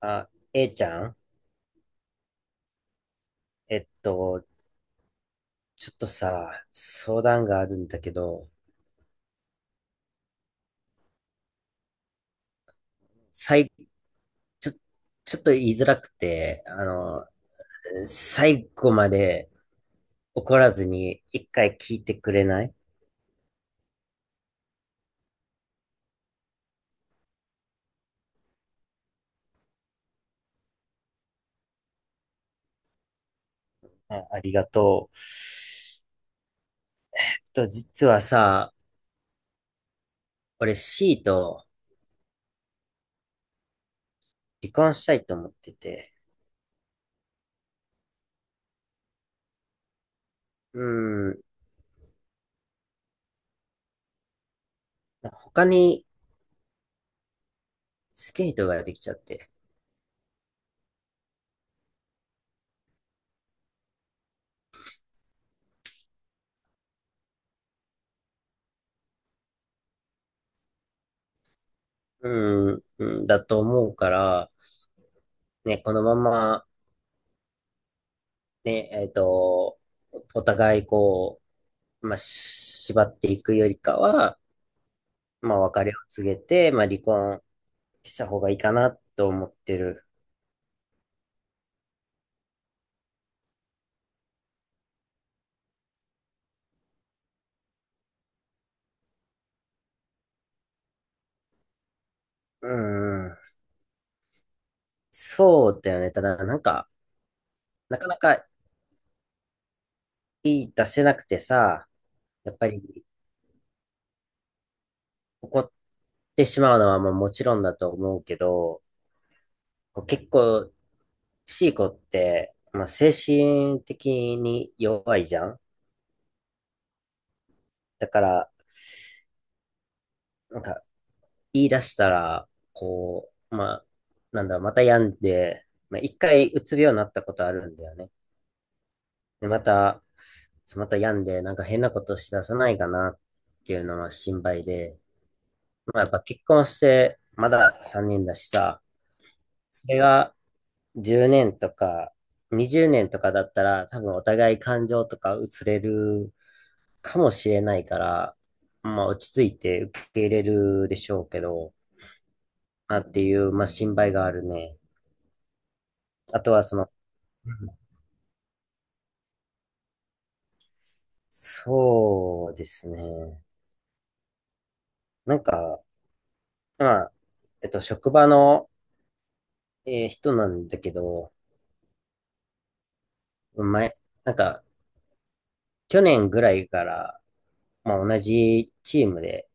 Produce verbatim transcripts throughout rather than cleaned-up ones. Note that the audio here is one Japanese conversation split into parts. あ、A ちゃん、えっと、ちょっとさ、相談があるんだけど、最、ちょ、ちょっと言いづらくて、あの、最後まで怒らずに一回聞いてくれない？あ、ありがとう。と、実はさ、俺 C と離婚したいと思ってて、うん、他にスケートができちゃって、うん、うんだと思うから、ね、このままね、えっと、お互いこう、まあ、し縛っていくよりかは、まあ、別れを告げて、まあ、離婚した方がいいかなと思ってる。うん、そうだよね。ただ、なんか、なかなか言い出せなくてさ、やっぱり怒ってしまうのはまあもちろんだと思うけど、こう結構、シーコって、まあ、精神的に弱いじゃん。だから、なんか、言い出したら、こう、まあ、なんだろう、また病んで、まあ、一回うつ病になったことあるんだよね。で、また、また病んで、なんか変なことしださないかなっていうのは心配で、まあ、やっぱ結婚して、まださんねんだしさ、それがじゅうねんとかにじゅうねんとかだったら、多分お互い感情とか薄れるかもしれないから、まあ、落ち着いて受け入れるでしょうけど、なっていう、まあ、心配があるね。あとは、その、うん、そうですね。なんか、まあ、えっと、職場の、えー人なんだけど、前、なんか、去年ぐらいから、まあ、同じチームで、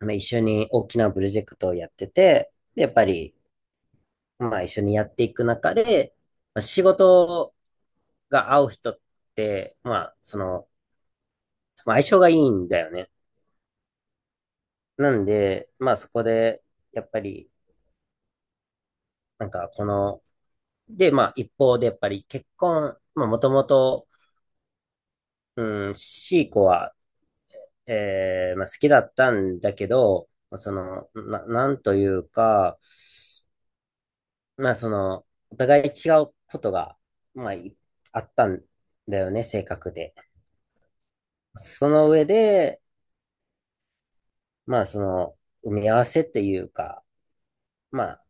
まあ、一緒に大きなプロジェクトをやってて、で、やっぱり、まあ、一緒にやっていく中で、まあ、仕事が合う人って、まあ、その、まあ相性がいいんだよね。なんで、まあそこで、やっぱり、なんかこの、で、まあ一方でやっぱり結婚、まあもともと、うん、C 子は、えー、まあ好きだったんだけど、その、な、なんというか、まあその、お互い違うことが、まあいあったんだよね、性格で。その上で、まあその、埋め合わせっていうか、まあ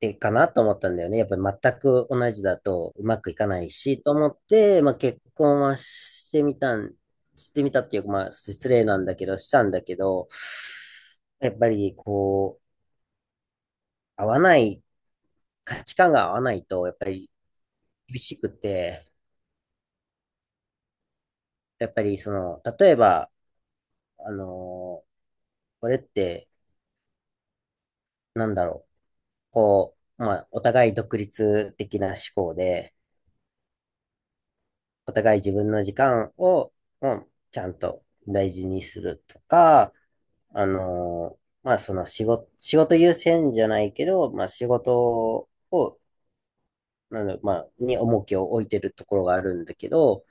てかなと思ったんだよね。やっぱり全く同じだとうまくいかないし、と思って、まあ結婚はしてみたん、してみたっていうか、まあ失礼なんだけど、したんだけど、やっぱりこう、合わない、価値観が合わないと、やっぱり厳しくて、やっぱりその、例えば、あのーこれって、なんだろう。こう、まあ、お互い独立的な思考で、お互い自分の時間を、うんちゃんと大事にするとか、あのーまあ、その仕事、仕事優先じゃないけど、まあ、仕事を、なんだろうまあ、に重きを置いてるところがあるんだけど、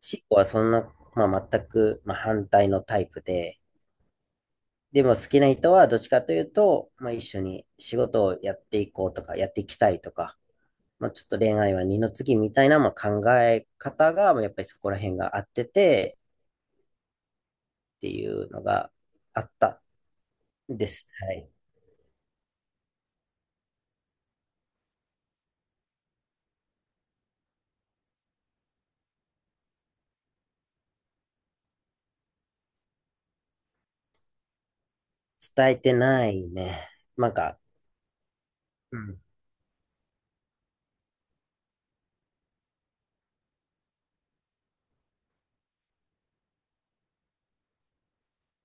シコはそんな、まあ、全く、まあ、反対のタイプで、でも好きな人はどっちかというと、まあ、一緒に仕事をやっていこうとか、やっていきたいとか、まあ、ちょっと恋愛は二の次みたいな、まあ、考え方が、まあやっぱりそこら辺が合ってて、っていうのがあったんです。はい。伝えてないね。なんか、うん、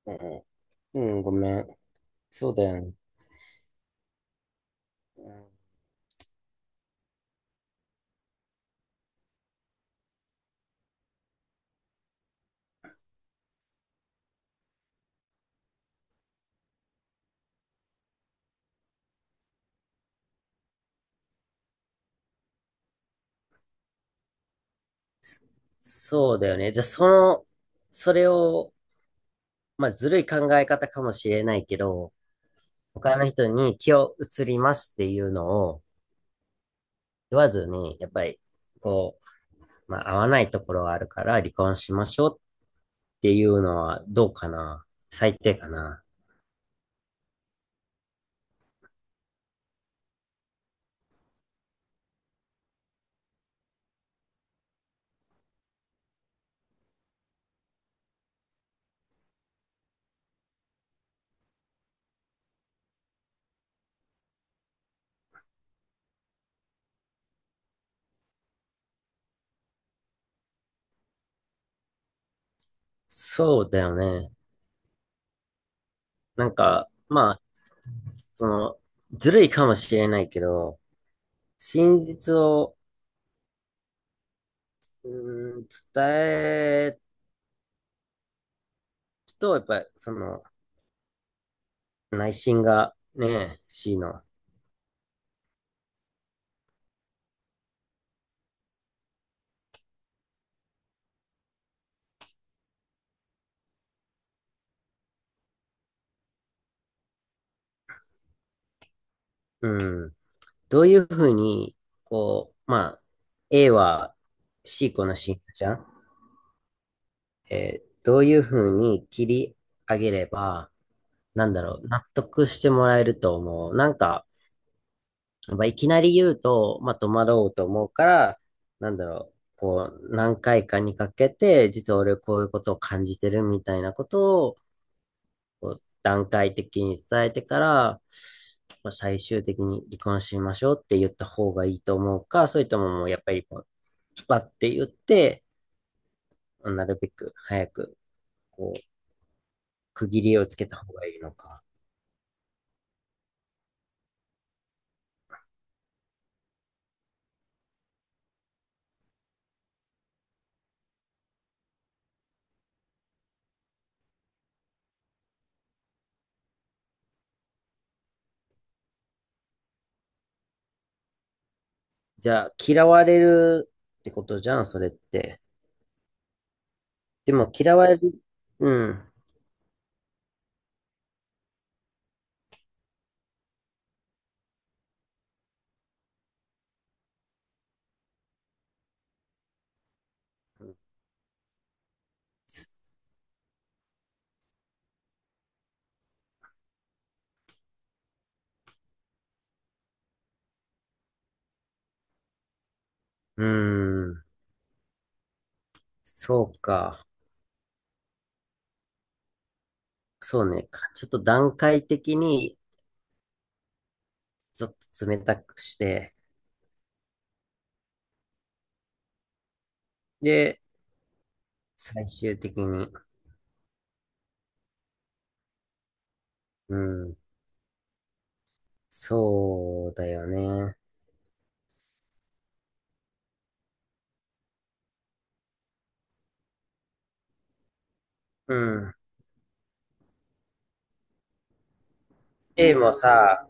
うん、うん、ごめん。そうだよね。うん、そ、そうだよね。じゃあ、その、それを、まあ、ずるい考え方かもしれないけど、他の人に気を移りますっていうのを言わずに、やっぱり、こう、まあ、合わないところはあるから離婚しましょうっていうのはどうかな。最低かな。そうだよね。なんか、まあ、その、ずるいかもしれないけど、真実を、うーん、伝えると、やっぱり、その、内心がね、C の、うん、どういうふうに、こう、まあ、A は C 子の信者じゃん、えーどういうふうに切り上げれば、なんだろう、納得してもらえると思う？なんか、まあ、いきなり言うと、まあ、戸惑うと思うから、なんだろう、こう、何回かにかけて、実は俺こういうことを感じてるみたいなことを、こう段階的に伝えてから、まあ、最終的に離婚しましょうって言った方がいいと思うか、それとももうやっぱりこう、スパって言って、なるべく早く、こう、区切りをつけた方がいいのか。じゃあ、嫌われるってことじゃん、それって。でも嫌われる、うん、うん。そうか。そうね。かちょっと段階的に、ちょっと冷たくして、で、最終的に、うん、そうだよね。うん。A もさ、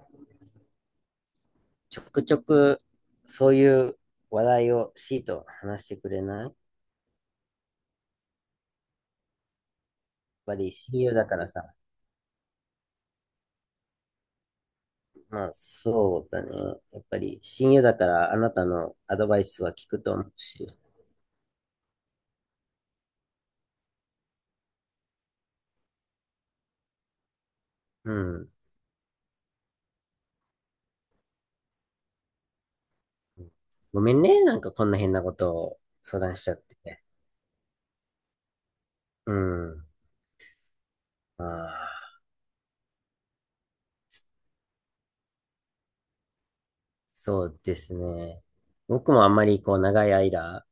ちょくちょく、そういう話題を C と話してくれない？やっぱり親友だからさ。まあ、そうだね。やっぱり親友だから、あなたのアドバイスは聞くと思うし。うん。ごめんね。なんかこんな変なことを相談しちゃって。うん。ああ、そうですね。僕もあんまりこう長い間、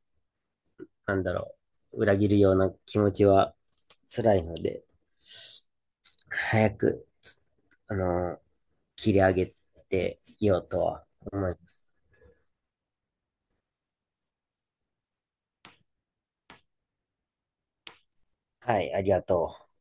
なんだろう、裏切るような気持ちは辛いので、早く、つあの、切り上げていようとは思います。はい、ありがとう。